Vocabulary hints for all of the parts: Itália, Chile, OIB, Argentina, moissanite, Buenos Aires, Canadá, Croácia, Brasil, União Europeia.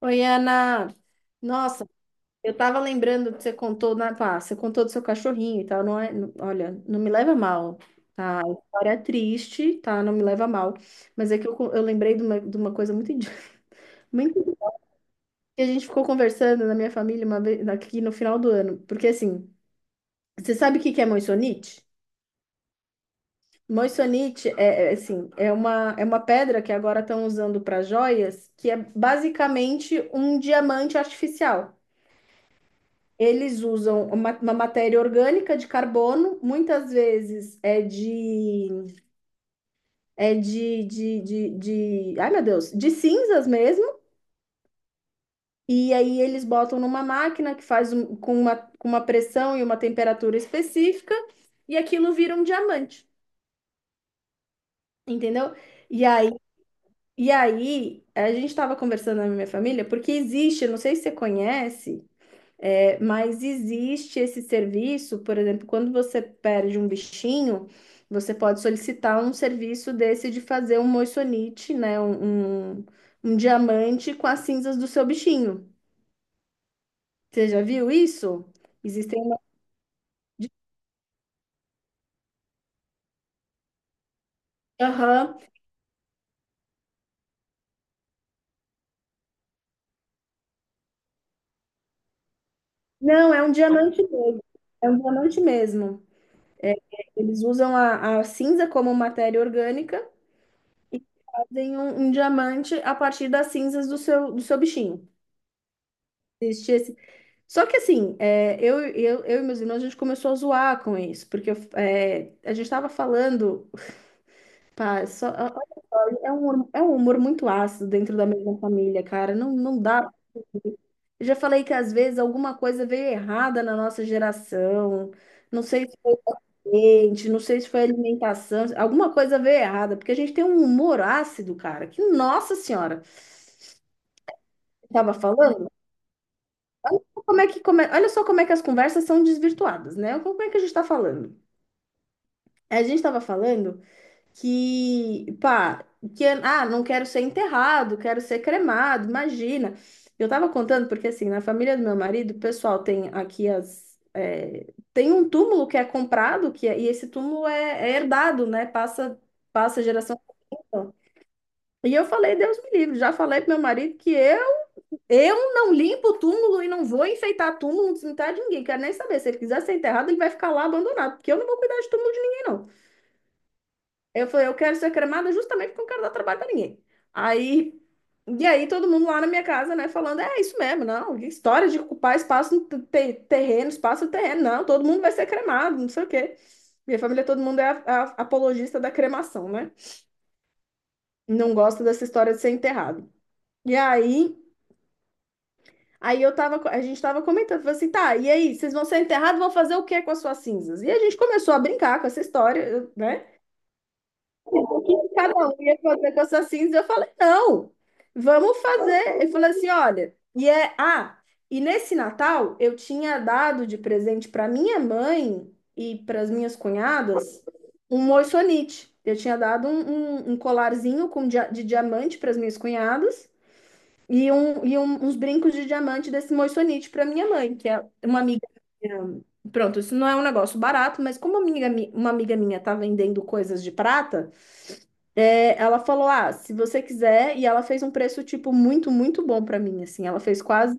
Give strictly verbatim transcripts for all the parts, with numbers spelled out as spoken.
Oi, Ana. Nossa, eu tava lembrando que você contou, na, pá, você contou do seu cachorrinho e tal, não é, não- olha, não me leva mal, tá? A história é triste, tá? Não me leva mal, mas é que eu, co- eu lembrei de uma, de uma coisa muito idi- muito idi- que a gente ficou conversando na minha família uma vez aqui no final do ano, porque assim, você sabe o que que é moissanite? Moissanite é, é, assim, é uma é uma pedra que agora estão usando para joias, que é basicamente um diamante artificial. Eles usam uma, uma matéria orgânica de carbono, muitas vezes é de, é de, de, de, de, ai meu Deus, de cinzas mesmo. E aí eles botam numa máquina que faz um- com uma, com uma pressão e uma temperatura específica, e aquilo vira um diamante, entendeu? E aí, e aí a gente estava conversando na minha família, porque existe, eu não sei se você conhece. É, mas existe esse serviço, por exemplo, quando você perde um bichinho, você pode solicitar um serviço desse de fazer um moissanite, né? Um, um, um diamante com as cinzas do seu bichinho. Você já viu isso? Existem. Um, Aham. Não, é um diamante mesmo. É um diamante mesmo. Eles usam a, a cinza como matéria orgânica, fazem um, um diamante a partir das cinzas do seu, do seu bichinho. Existe esse Só que assim, é, eu, eu, eu e meus irmãos, a gente começou a zoar com isso, porque eu, é, a gente estava falando, pá, só, olha só, é um, humor- é um humor muito ácido dentro da mesma família, cara, não, não dá. Eu já falei que às vezes alguma coisa veio errada na nossa geração, não sei se foi ambiente, não sei se foi alimentação, alguma coisa veio errada, porque a gente tem um humor ácido, cara, que nossa senhora, estava falando, como é que, come- olha só como é que as conversas são desvirtuadas, né? Como é que a gente está falando? A gente estava falando que, pá, que, ah, não quero ser enterrado, quero ser cremado, imagina. Eu estava contando porque, assim, na família do meu marido, o pessoal tem aqui as. É, tem um túmulo que é comprado, que é- e esse túmulo é, é herdado, né? Passa, passa geração. por geração. E eu falei, Deus me livre, já falei pro meu marido que eu, eu não limpo o túmulo e não vou enfeitar túmulo, não cemitério de ninguém. Quero nem saber. Se ele quiser ser enterrado, ele vai ficar lá abandonado, porque eu não vou cuidar de túmulo de ninguém, não. Eu falei, eu quero ser cremada justamente porque eu não quero dar trabalho pra ninguém. Aí, e aí todo mundo lá na minha casa, né, falando, é isso mesmo, não, que história de ocupar espaço no te- terreno, espaço no terreno, não, todo mundo vai ser cremado, não sei o quê. Minha família, todo mundo é a- a- apologista da cremação, né? Não gosta dessa história de ser enterrado. E aí, aí eu tava, co- a gente tava comentando, falei assim, tá, e aí, vocês vão ser enterrados, vão fazer o quê com as suas cinzas? E a gente começou a brincar com essa história, né? O que que cada um ia fazer com essas cinzas? Eu falei, não, vamos fazer. Ele falou assim, olha, e é, ah, e nesse Natal eu tinha dado de presente para minha mãe e para as minhas cunhadas um moissanite. Eu tinha dado um, um- um colarzinho com dia- de diamante para as minhas cunhadas e, um, e um- uns brincos de diamante desse moissanite para minha mãe, que é uma amiga minha. Pronto, isso não é um negócio barato, mas como uma amiga, mi- uma amiga minha tá vendendo coisas de prata, é, ela falou: Ah, se você quiser, e ela fez um preço, tipo, muito, muito bom para mim, assim. Ela fez quase,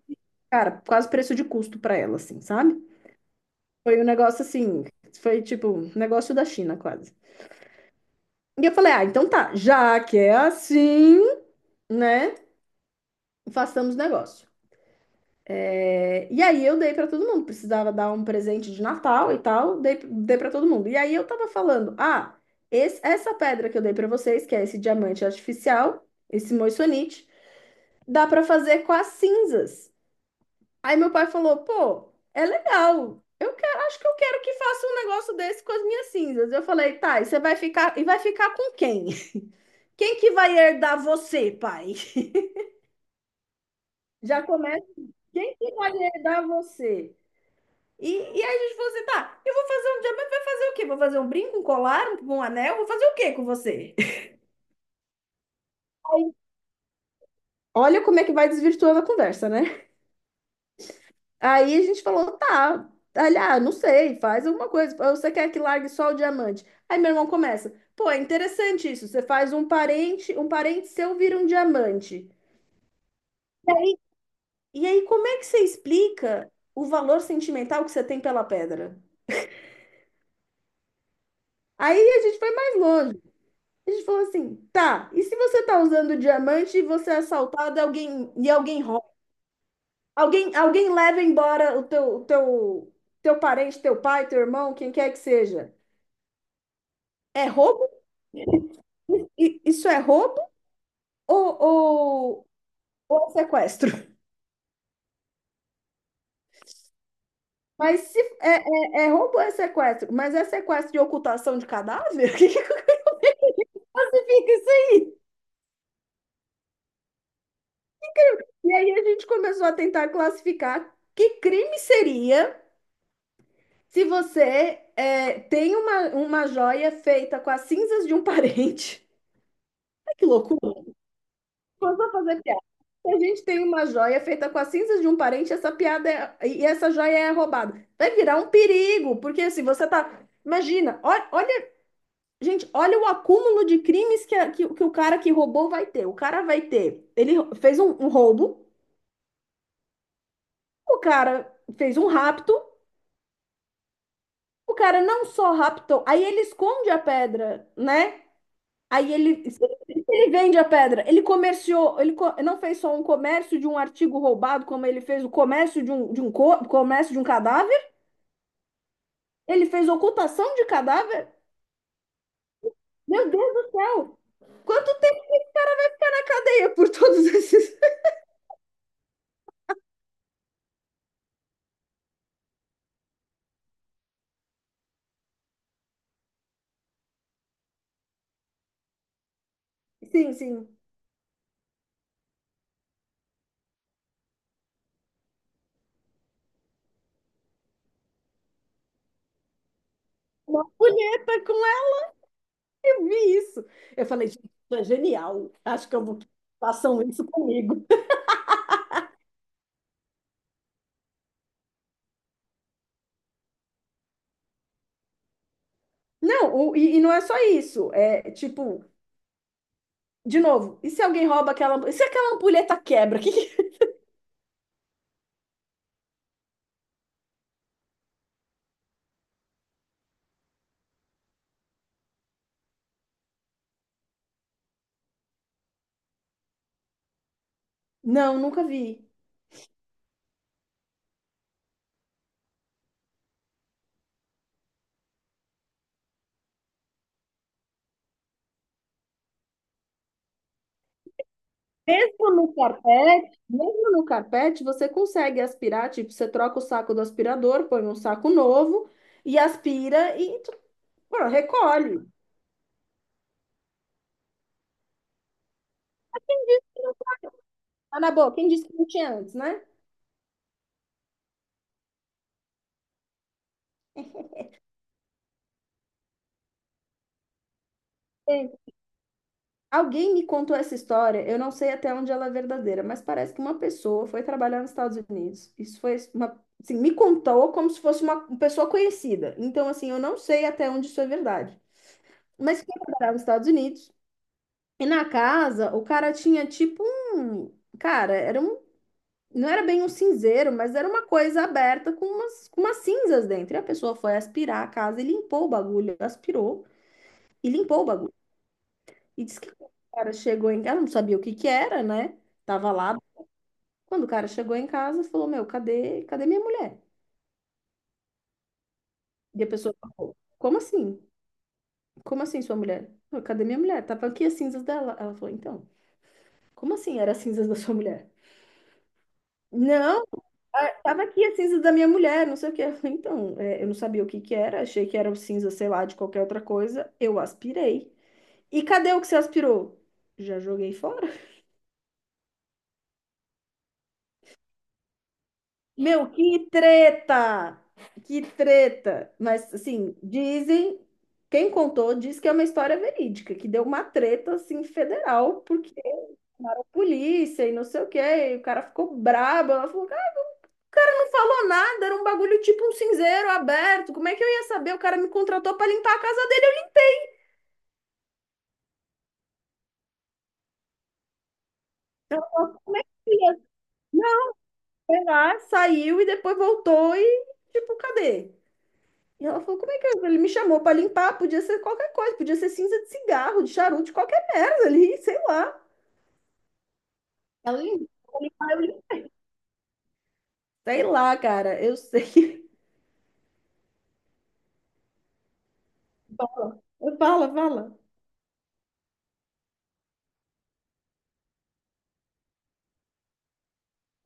cara, quase preço de custo para ela, assim, sabe? Foi um negócio assim, foi tipo, um negócio da China, quase. E eu falei: Ah, então tá, já que é assim, né, façamos negócio. É, e aí eu dei pra todo mundo, precisava dar um presente de Natal e tal, dei, dei para todo mundo. E aí eu tava falando, ah, esse- essa pedra que eu dei pra vocês, que é esse diamante artificial, esse moissanite, dá pra fazer com as cinzas. Aí meu pai falou, pô, é legal. Eu quero, acho que eu quero que faça um negócio desse com as minhas cinzas. Eu falei, tá, e você vai ficar, e vai ficar com quem? Quem que vai herdar você, pai? Já começa, quem que vai herdar você? E, e aí a gente falou assim, tá, eu vou fazer um diamante, vai fazer o quê? Vou fazer um brinco, um colar, um, um anel? Vou fazer o quê com você? Olha como é que vai desvirtuando a conversa, né? Aí a gente falou, tá, olha, não sei, faz alguma coisa. Você quer que largue só o diamante? Aí meu irmão começa, pô, é interessante isso. Você faz um parente, um parente seu vira um diamante. E aí como é que você explica o valor sentimental que você tem pela pedra? Aí a gente foi mais longe. A gente falou assim, tá, e se você tá usando diamante e você é assaltado alguém, e alguém rouba? Alguém, alguém leva embora o teu, o teu, teu parente, teu pai, teu irmão, quem quer que seja. É roubo? I- Isso é roubo ou, ou, ou é sequestro? Mas se é, é, é roubo ou é sequestro? Mas é sequestro de ocultação de cadáver? O que que classifica isso aí? E aí a gente começou a tentar classificar que crime seria. Se você é, tem uma, uma joia feita com as cinzas de um parente, Ai, que loucura! Vou só fazer piada. Se a gente tem uma joia feita com as cinzas de um parente, essa piada é- e essa joia é roubada. Vai virar um perigo, porque se você tá. Imagina, olha, olha, gente, olha o acúmulo de crimes que, a- que, que o cara que roubou vai ter. O cara vai ter. Ele rou- fez um, um roubo, o cara fez um rapto, o cara não só raptou, aí ele esconde a pedra, né? Aí ele, ele vende a pedra. Ele comerciou, ele co- não fez só um comércio de um artigo roubado, como ele fez o comércio de um, de um co- comércio de um cadáver. Ele fez ocultação de cadáver. Meu Deus do céu! Quanto tempo ele ficará na cadeia por todos esses? Sim, sim. Uma punheta com ela, eu vi isso. Eu falei, gente, isso é genial. Acho que eu vou façam isso comigo. Não, o- e, e não é só isso. É tipo, de novo, e se alguém rouba aquela, e se aquela ampulheta quebra? Não, nunca vi. Mesmo no carpete, mesmo no carpete, você consegue aspirar, tipo, você troca o saco do aspirador, põe um saco novo e aspira e tu- pô, recolhe. Tá na boa, quem disse que não tinha antes, né? Tem. Alguém me contou essa história, eu não sei até onde ela é verdadeira, mas parece que uma pessoa foi trabalhar nos Estados Unidos. Isso foi uma, assim, me contou como se fosse uma pessoa conhecida. Então, assim, eu não sei até onde isso é verdade. Mas foi trabalhar nos Estados Unidos. E na casa, o cara tinha tipo um. Cara, era um. Não era bem um cinzeiro, mas era uma coisa aberta com umas, com umas cinzas dentro. E a pessoa foi aspirar a casa e limpou o bagulho. Aspirou e limpou o bagulho. E disse que quando o cara chegou em casa, ela não sabia o que que era, né? Tava lá. Quando o cara chegou em casa, falou: Meu, cadê, cadê minha mulher? E a pessoa falou: Como assim? Como assim, sua mulher? "Não, cadê minha mulher? Tava aqui as cinzas dela. Ela falou: Então, como assim era as cinzas da sua mulher? Não. Ah, tava aqui a cinza da minha mulher, não sei o que. Eu falei, então, é, eu não sabia o que que era, achei que era o cinza, sei lá, de qualquer outra coisa. Eu aspirei. E cadê o que você aspirou? Já joguei fora. Meu, que treta! Que treta! Mas, assim, dizem, quem contou diz que é uma história verídica, que deu uma treta, assim, federal, porque a polícia e não sei o que e o cara ficou brabo. Ela falou, cara, não falou nada, era um bagulho tipo um cinzeiro aberto, como é que eu ia saber? O cara me contratou pra limpar a casa. Foi lá, saiu e depois voltou e, tipo, cadê? E ela falou, como é que é? Ele me chamou pra limpar, podia ser qualquer coisa, podia ser cinza de cigarro, de charuto, de qualquer merda ali, sei lá. Ela limpou, eu limpar, eu limpei. Sei lá, cara, eu sei. Fala, fala.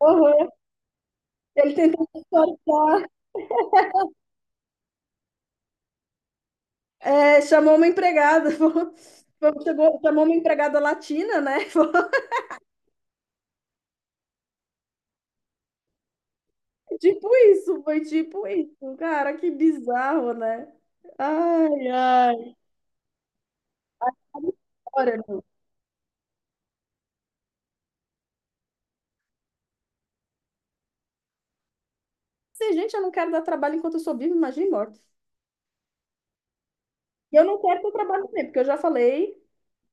Uhum. Ele tentou se soltar, é, chamou uma empregada, falou- falou- chegou, chamou uma empregada latina, né? Falou, tipo isso, foi tipo isso. Cara, que bizarro, né? Ai, ai. Ora, não. Se, gente, eu não quero dar trabalho enquanto eu sou viva, imagina morta. E eu não quero ter trabalho também, porque eu já falei,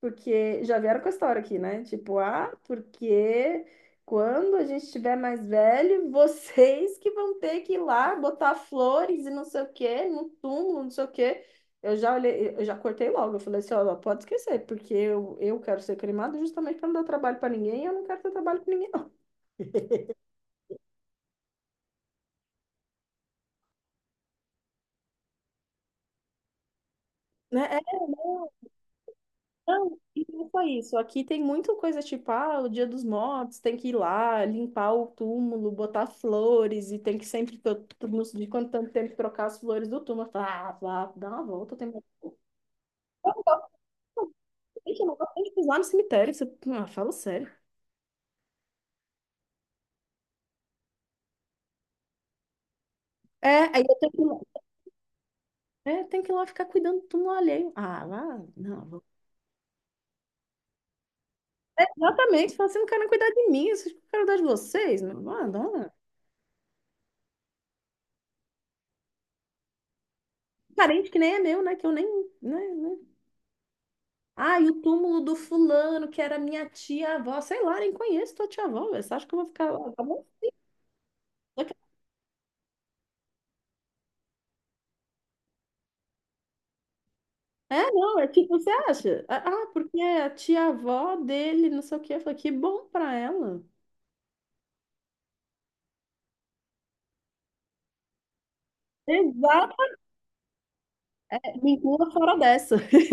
porque já vieram com a história aqui, né? Tipo, ah, porque quando a gente estiver mais velho, vocês que vão ter que ir lá botar flores e não sei o quê, no túmulo, não sei o quê. Eu já olhei, eu já cortei logo. Eu falei assim, ó, pode esquecer, porque eu, eu quero ser cremado justamente para não dar trabalho para ninguém, e eu não quero ter trabalho com ninguém, não. Né? Não, e não foi isso. Aqui tem muita coisa tipo, ah, o Dia dos Mortos, tem que ir lá, limpar o túmulo, botar flores, e tem que sempre, to- to- não sei de quanto tanto tempo, trocar as flores do túmulo. Eu falo, ah, vá, dá uma volta. Tem... Gente, eu não gosto nem de pisar no cemitério. Isso... Ah, fala sério. É, aí eu tenho que ir lá, é, tem que ir lá ficar cuidando do túmulo alheio. Ah, lá, não. vou- Exatamente, fala assim, não quero nem cuidar de mim, vocês não quero cuidar de vocês. Não, não, não. Parente que nem é meu, né? Que eu nem, né? né. Ah, e o túmulo do fulano, que era minha tia-avó. Sei lá, nem conheço tua tia-avó. Velho. Você acha que eu vou ficar lá? Tá bom? É, não, é tipo, você acha? Ah, ah, porque é a tia-avó dele, não sei o quê. Eu falei, que bom pra ela. Exato, me inclua fora dessa.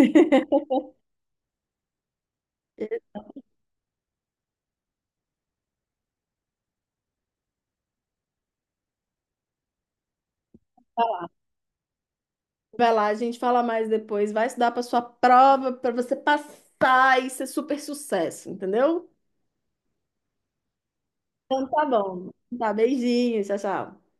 Vai lá, a gente fala mais depois. Vai estudar para sua prova, para você passar e ser super sucesso, entendeu? Então tá bom. Tá, beijinho, tchau, tchau.